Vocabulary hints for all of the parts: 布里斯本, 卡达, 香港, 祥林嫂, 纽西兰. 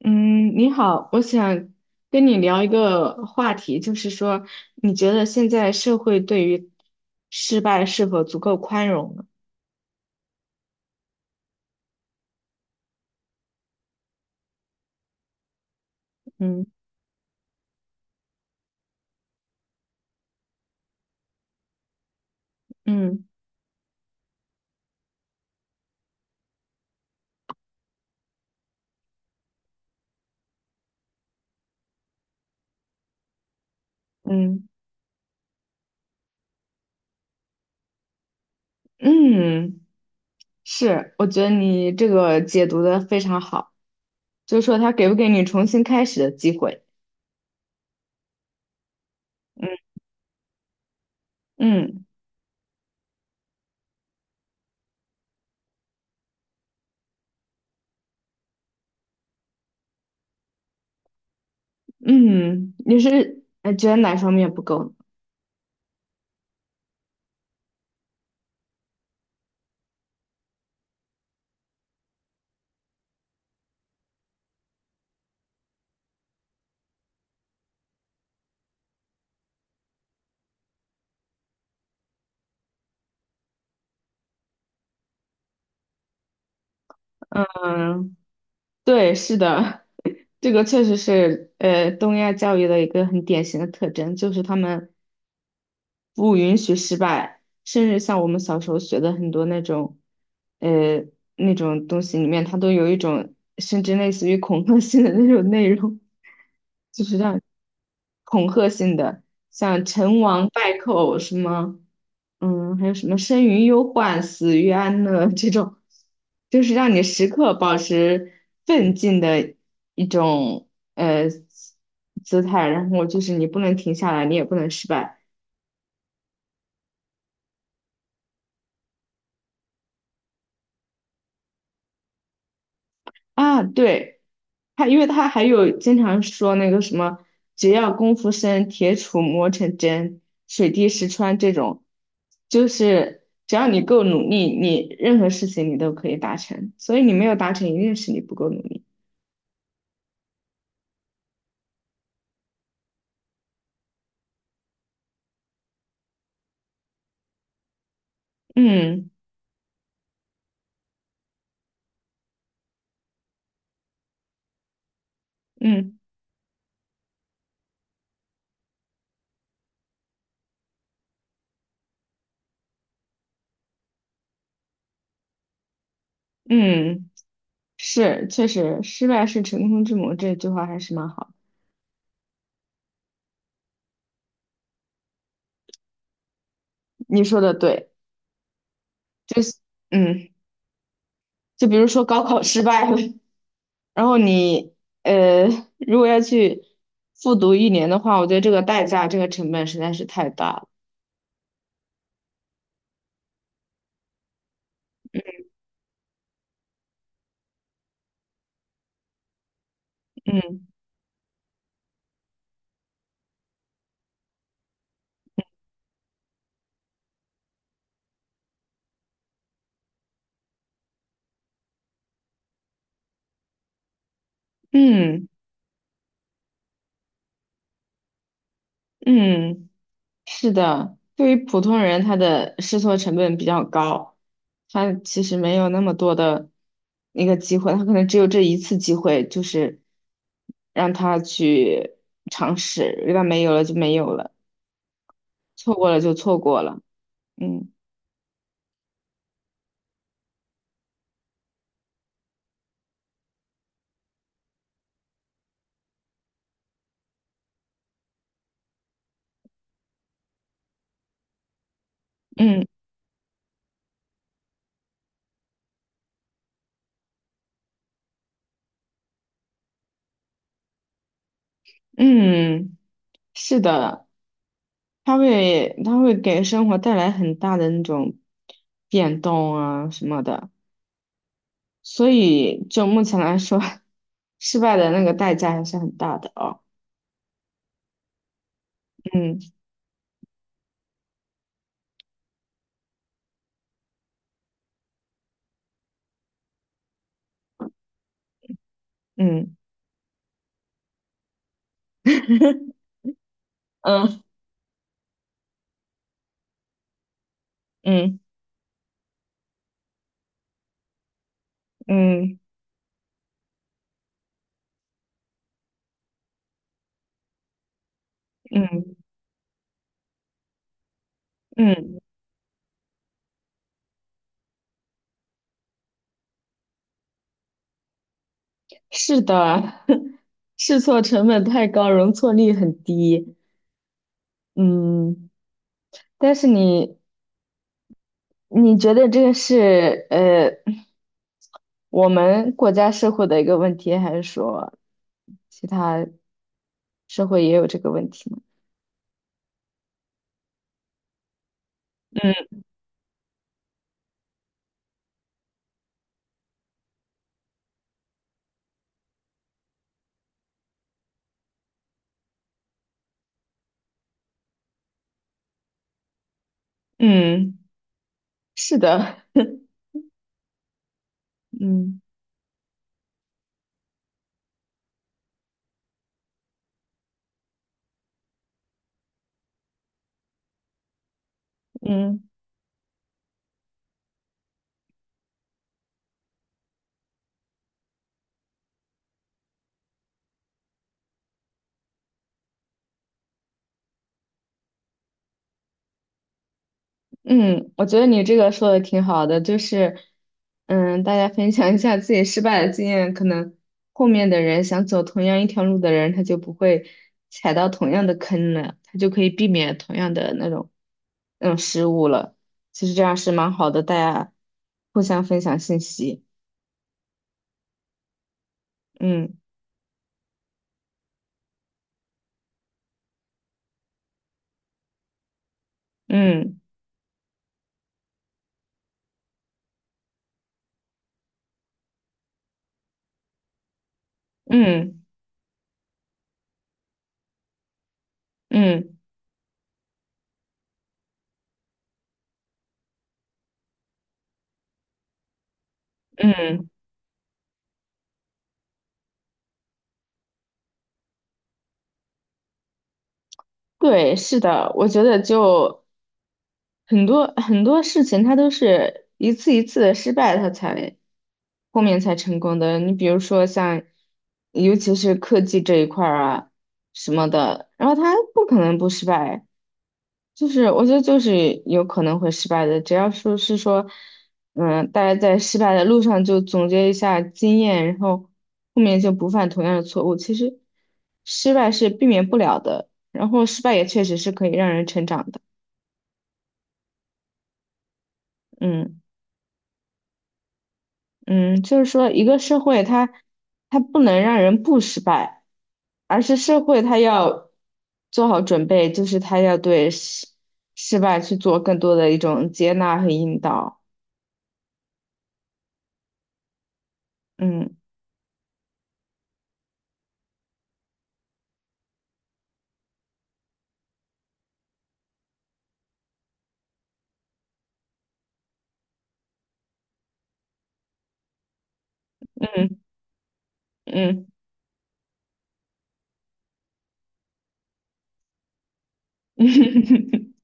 嗯，你好，我想跟你聊一个话题，就是说，你觉得现在社会对于失败是否足够宽容呢？嗯嗯嗯嗯，是，我觉得你这个解读的非常好，就是说他给不给你重新开始的机会？嗯嗯，嗯，你是觉得哪方面不够呢？嗯，对，是的，这个确实是东亚教育的一个很典型的特征，就是他们，不允许失败，甚至像我们小时候学的很多那种，呃，那种东西里面，它都有一种甚至类似于恐吓性的那种内容，就是让恐吓性的，像成王败寇什么，嗯，还有什么生于忧患，死于安乐这种，就是让你时刻保持奋进的一种呃姿态，然后就是你不能停下来，你也不能失败。啊，对，因为他还有经常说那个什么，只要功夫深，铁杵磨成针，水滴石穿这种，就是只要你够努力，你任何事情你都可以达成。所以你没有达成，一定是你不够努力。嗯嗯嗯，是，确实，失败是成功之母这句话还是蛮好的。你说的对，就是嗯，就比如说高考失败了。然后你呃，如果要去复读一年的话，我觉得这个代价、这个成本实在是太大了。嗯嗯嗯，是的，对于普通人，他的试错成本比较高，他其实没有那么多的一个机会，他可能只有这一次机会，就是让他去尝试，一旦没有了就没有了，错过了就错过了。嗯嗯嗯，是的。它会给生活带来很大的那种变动啊什么的，所以就目前来说，失败的那个代价还是很大的哦。嗯嗯 嗯嗯嗯嗯嗯，是的，试错成本太高，容错率很低。嗯，但是你觉得这个是我们国家社会的一个问题，还是说其他社会也有这个问题呢？嗯嗯，是的，嗯嗯。嗯，我觉得你这个说的挺好的，就是，嗯，大家分享一下自己失败的经验，可能后面的人想走同样一条路的人，他就不会踩到同样的坑了，他就可以避免同样的那种失误了。其实这样是蛮好的，大家互相分享信息。嗯嗯嗯嗯嗯嗯，对，是的，我觉得就。很多很多事情，它都是一次一次的失败，它才后面才成功的。你比如说像，尤其是科技这一块儿啊什么的，然后它不可能不失败，就是我觉得就是有可能会失败的。只要说是说，嗯，大家在失败的路上就总结一下经验，然后后面就不犯同样的错误。其实失败是避免不了的，然后失败也确实是可以让人成长的。嗯。嗯，就是说，一个社会它不能让人不失败，而是社会它要做好准备，就是它要对失败去做更多的一种接纳和引导。嗯嗯嗯。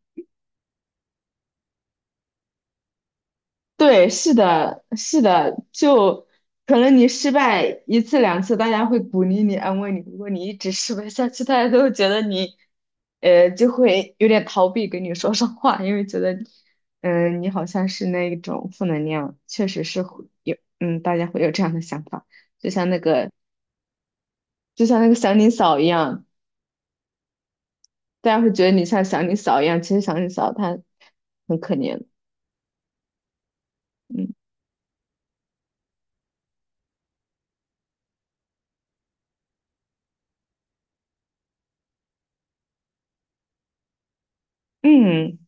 对，是的，是的，就可能你失败一次两次，大家会鼓励你、安慰你。如果你一直失败下去，大家都会觉得你，就会有点逃避跟你说上话，因为觉得，你好像是那一种负能量，确实是会有，大家会有这样的想法，就像那个，就像那个祥林嫂一样，大家会觉得你像祥林嫂一样，其实祥林嫂她很可怜，嗯嗯。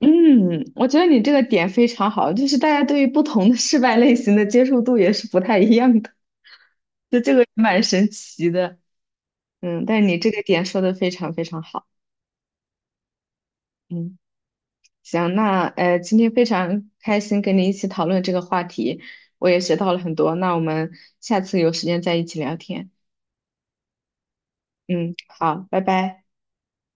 嗯，我觉得你这个点非常好，就是大家对于不同的失败类型的接受度也是不太一样的，就这个也蛮神奇的。嗯，但是你这个点说的非常非常好。嗯，行，那今天非常开心跟你一起讨论这个话题，我也学到了很多。那我们下次有时间再一起聊天。嗯，好，拜拜。